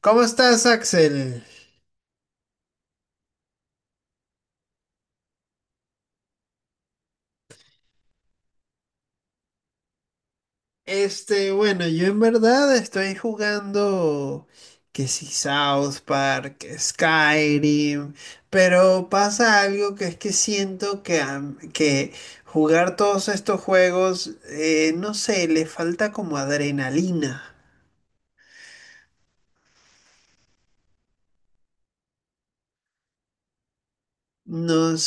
¿Cómo estás, Axel? Bueno, yo en verdad estoy jugando que si South Park, que Skyrim, pero pasa algo, que es que siento que, que jugar todos estos juegos, no sé, le falta como adrenalina. Nos,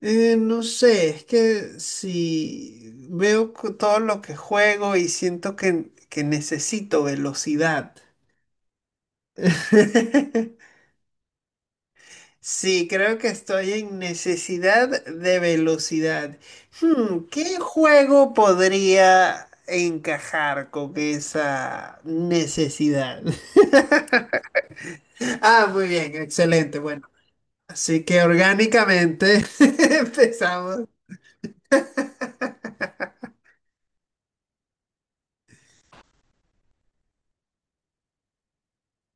no sé, es que si todo lo que juego y siento que necesito velocidad. Sí, creo que estoy en necesidad de velocidad. Hmm, ¿qué juego podría encajar con esa necesidad? Ah, muy bien, excelente. Bueno, así que orgánicamente empezamos.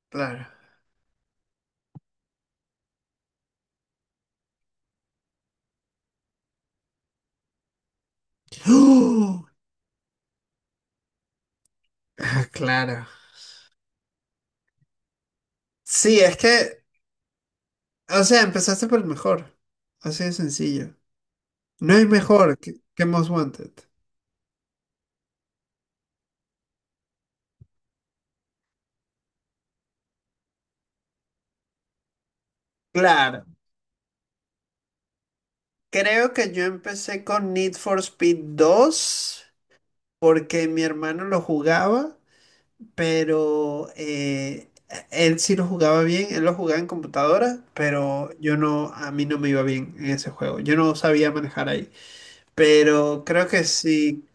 Claro. ¡Oh! Ah, claro. Sí, es que, o sea, empezaste por el mejor. Así de sencillo. No hay mejor que Most Wanted. Claro. Creo que yo empecé con Need for Speed 2 porque mi hermano lo jugaba, pero él sí lo jugaba bien, él lo jugaba en computadora, pero yo no, a mí no me iba bien en ese juego, yo no sabía manejar ahí, pero creo que sí,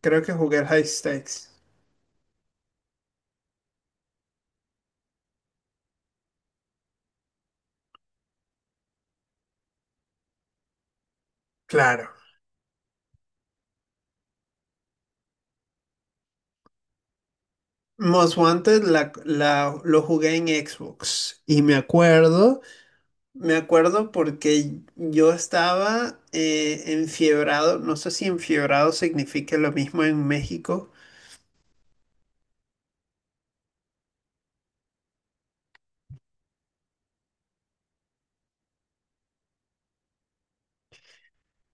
creo que jugué el High Stakes. Claro. Most Wanted lo jugué en Xbox y me acuerdo porque yo estaba enfiebrado, no sé si enfiebrado significa lo mismo en México.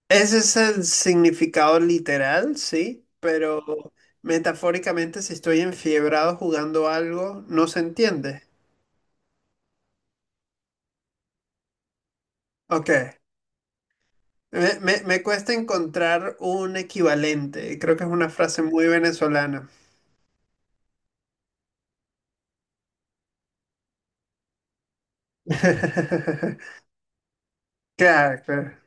Ese es el significado literal, sí, pero metafóricamente, si estoy enfiebrado jugando algo, no se entiende. Ok, me cuesta encontrar un equivalente, creo que es una frase muy venezolana. Claro, claro.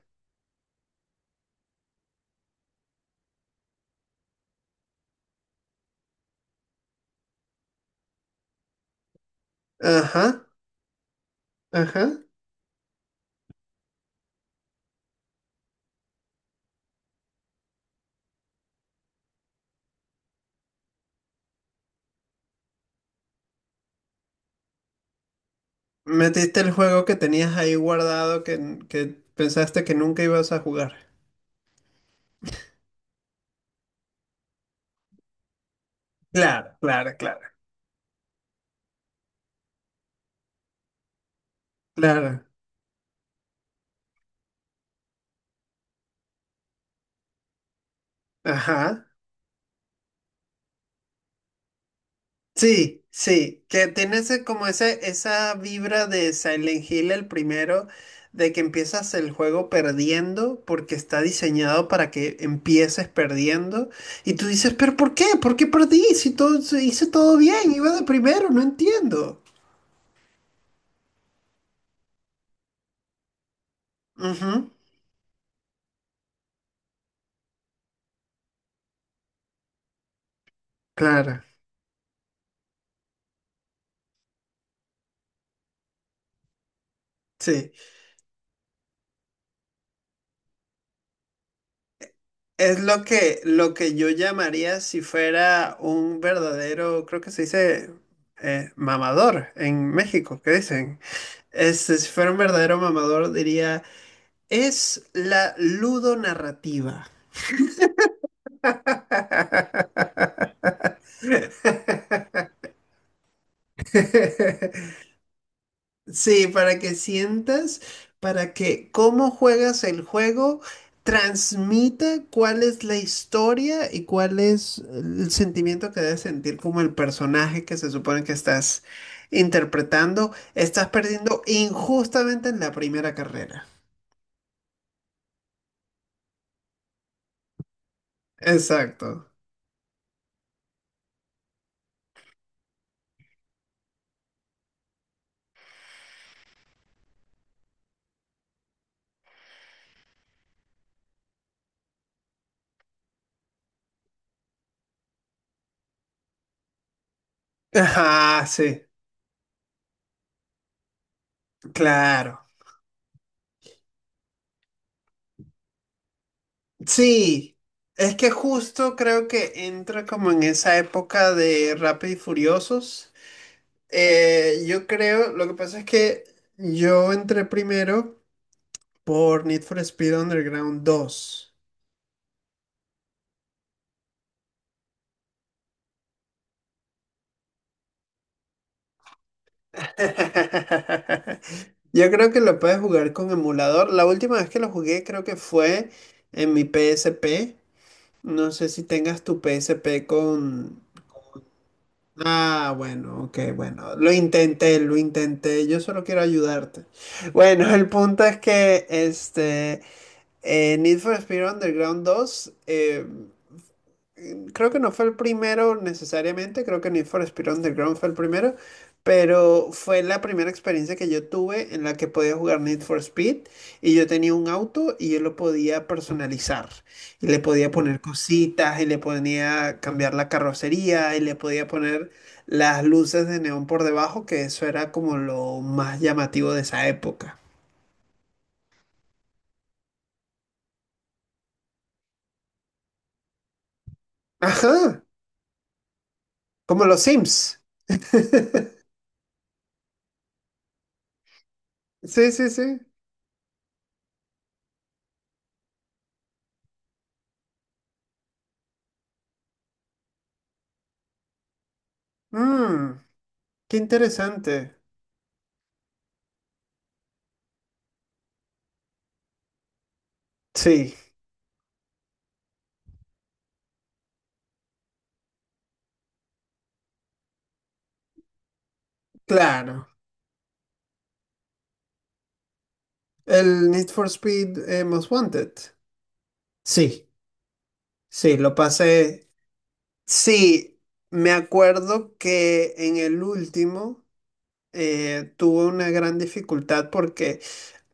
Ajá, ajá. Metiste el juego que tenías ahí guardado que pensaste que nunca ibas a jugar. Claro, claro, claro, claro. Ajá. Sí, sí, que tiene ese, esa vibra de Silent Hill el primero, de que empiezas el juego perdiendo porque está diseñado para que empieces perdiendo. Y tú dices, pero ¿por qué? ¿Por qué perdí? Si todo, si hice todo bien, iba de primero, no entiendo. Ujú. Claro, sí. Es lo que yo llamaría si fuera un verdadero, creo que se dice mamador en México, ¿qué dicen? Si fuera un verdadero mamador, diría, es la ludonarrativa. Sí, para que sientas, para que cómo juegas el juego transmita cuál es la historia y cuál es el sentimiento que debes sentir como el personaje que se supone que estás interpretando. Estás perdiendo injustamente en la primera carrera. Exacto. Ajá, sí, claro. Sí, es que justo creo que entra como en esa época de Rápido y Furiosos. Yo creo, lo que pasa es que yo entré primero por Need for Speed Underground 2. Yo creo que lo puedes jugar con emulador. La última vez que lo jugué creo que fue en mi PSP. No sé si tengas tu PSP con... Ah, bueno, ok, bueno. Lo intenté, lo intenté. Yo solo quiero ayudarte. Bueno, el punto es que Need for Speed Underground 2. Creo que no fue el primero necesariamente, creo que Need for Speed Underground fue el primero, pero fue la primera experiencia que yo tuve en la que podía jugar Need for Speed y yo tenía un auto y yo lo podía personalizar y le podía poner cositas y le podía cambiar la carrocería y le podía poner las luces de neón por debajo, que eso era como lo más llamativo de esa época. Ajá, como los Sims. Sí, sí, sí. Mm, qué interesante. Sí. Claro, el Need for Speed Most Wanted. Sí, sí, lo pasé. Sí, me acuerdo que en el último tuve una gran dificultad porque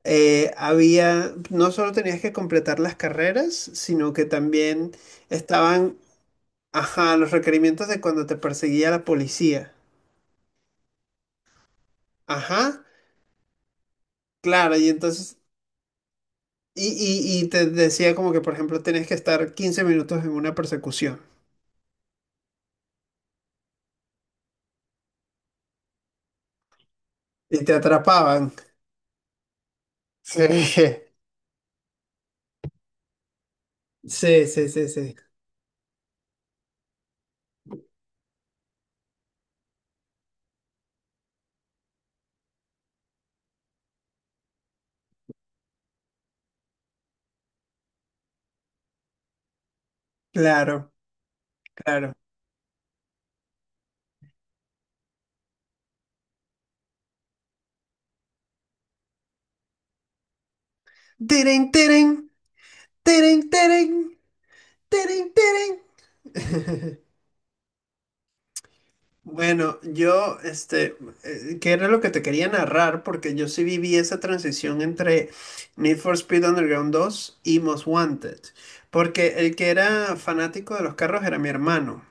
había, no solo tenías que completar las carreras, sino que también estaban, ajá, los requerimientos de cuando te perseguía la policía. Ajá, claro, y, y te decía como que, por ejemplo, tenías que estar 15 minutos en una persecución. Y te atrapaban. Sí. Sí, sí, sí, sí. Claro, claro. Teren, teren, teren, teren, teren, teren. Bueno, yo, ¿qué era lo que te quería narrar? Porque yo sí viví esa transición entre Need for Speed Underground 2 y Most Wanted. Porque el que era fanático de los carros era mi hermano.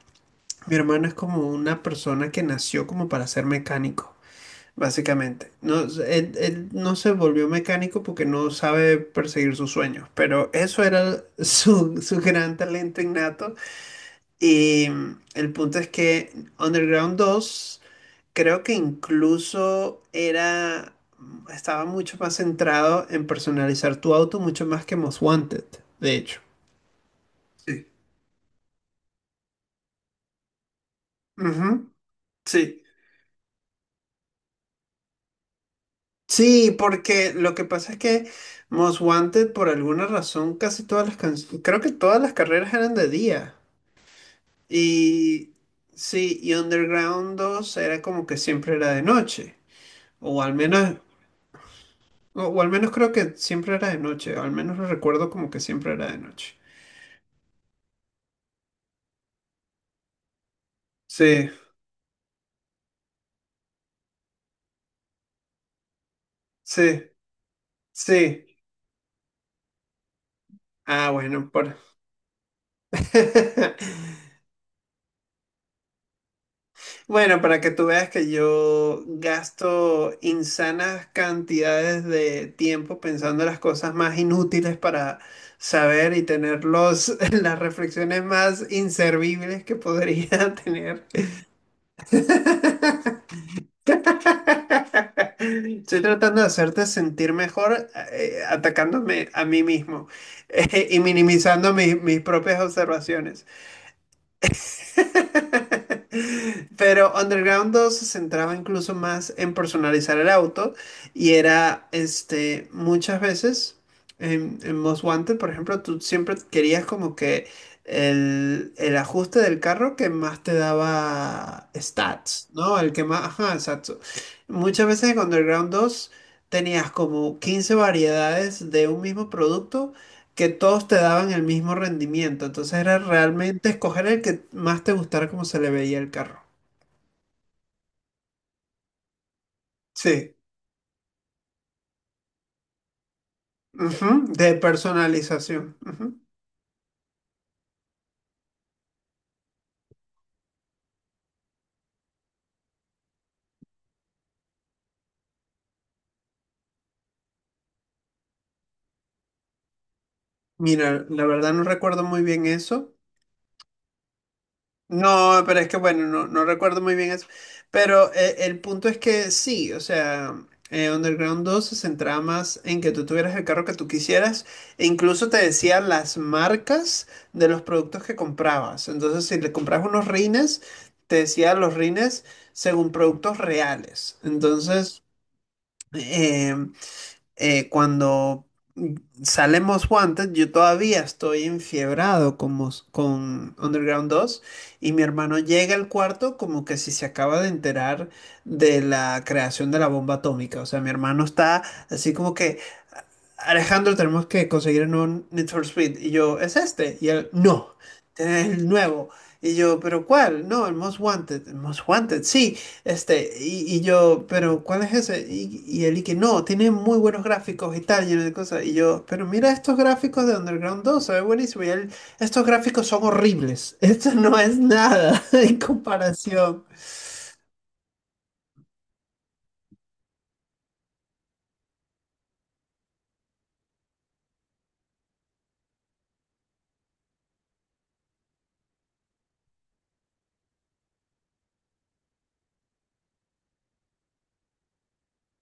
Mi hermano es como una persona que nació como para ser mecánico. Básicamente, no, él no se volvió mecánico porque no sabe perseguir sus sueños, pero eso era su gran talento innato. Y el punto es que Underground 2 creo que estaba mucho más centrado en personalizar tu auto, mucho más que Most Wanted, de hecho. Sí. Ujú. Sí. Sí, porque lo que pasa es que Most Wanted, por alguna razón, casi todas las canciones, creo que todas las carreras eran de día. Y sí, y Underground 2 era como que siempre era de noche. O al menos, o al menos creo que siempre era de noche. Al menos lo recuerdo como que siempre era de noche. Sí, sí, sí. Ah, bueno, por... Bueno, para que tú veas que yo gasto insanas cantidades de tiempo pensando en las cosas más inútiles para saber y tener los las reflexiones más inservibles que podría tener. Estoy tratando de hacerte sentir mejor, atacándome a mí mismo, y minimizando mis propias observaciones. Pero Underground 2 se centraba incluso más en personalizar el auto y era, este, muchas veces en Most Wanted, por ejemplo, tú siempre querías como que el ajuste del carro que más te daba stats, ¿no? El que más, ajá, exacto. Muchas veces en Underground 2 tenías como 15 variedades de un mismo producto que todos te daban el mismo rendimiento. Entonces era realmente escoger el que más te gustara como se le veía el carro. Sí, ujú. De personalización. Ujú. Mira, la verdad no recuerdo muy bien eso. No, pero es que bueno, no, no recuerdo muy bien eso. Pero el punto es que sí, o sea, Underground 2 se centraba más en que tú tuvieras el carro que tú quisieras e incluso te decían las marcas de los productos que comprabas. Entonces, si le comprabas unos rines, te decía los rines según productos reales. Entonces... em, cuando Salemos Wanted, yo todavía estoy enfiebrado con Underground 2 y mi hermano llega al cuarto como que si se acaba de enterar de la creación de la bomba atómica. O sea, mi hermano está así como que, Alejandro, tenemos que conseguir un nuevo Need for Speed. Y yo, ¿es este? Y él, no, es el nuevo. Y yo, ¿pero cuál? No, el Most Wanted. El Most Wanted, sí. Este, y yo, pero ¿cuál es ese? Y el Iki, no, tiene muy buenos gráficos y tal, lleno de cosas. Y yo, pero mira estos gráficos de Underground 2, se ve buenísimo. Y él, estos gráficos son horribles. Esto no es nada en comparación.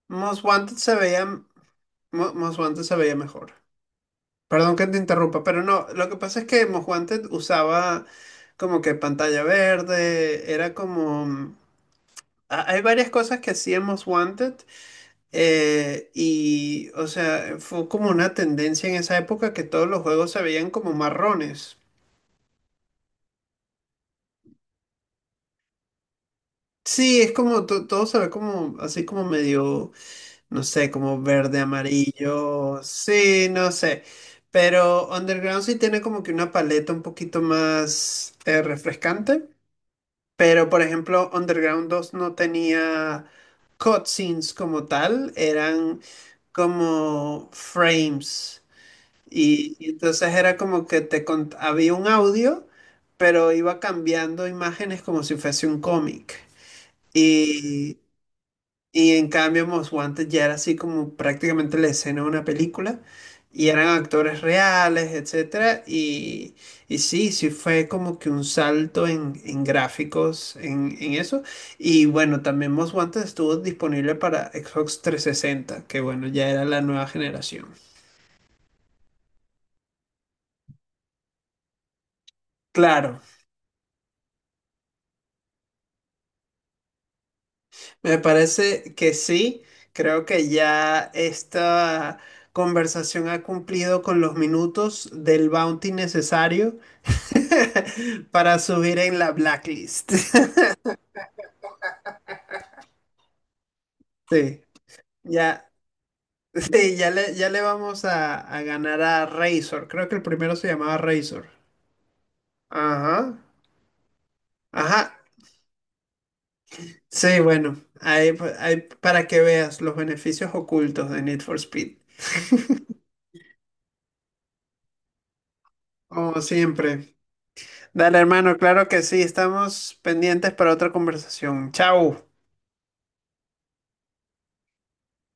Most Wanted se veía, Most Wanted se veía mejor. Perdón que te interrumpa, pero no, lo que pasa es que Most Wanted usaba como que pantalla verde, era como... Hay varias cosas que hacíamos Wanted. Y, o sea, fue como una tendencia en esa época que todos los juegos se veían como marrones. Sí, es como todo se ve como así como medio, no sé, como verde, amarillo, sí, no sé. Pero Underground sí tiene como que una paleta un poquito más refrescante. Pero por ejemplo, Underground 2 no tenía cutscenes como tal, eran como frames. Y entonces era como que había un audio, pero iba cambiando imágenes como si fuese un cómic. Y, y en cambio, Most Wanted ya era así como prácticamente la escena de una película. Y eran actores reales, etcétera. Y sí, sí fue como que un salto en gráficos, en eso. Y bueno, también Most Wanted estuvo disponible para Xbox 360, que bueno, ya era la nueva generación. Claro. Me parece que sí, creo que ya esta conversación ha cumplido con los minutos del bounty necesario para subir en la blacklist. Sí, ya, sí, ya le vamos a ganar a Razor. Creo que el primero se llamaba Razor. Ajá, ajá. Sí, bueno, ahí, ahí para que veas los beneficios ocultos de Need for Speed. Como siempre. Dale, hermano, claro que sí, estamos pendientes para otra conversación. Chao.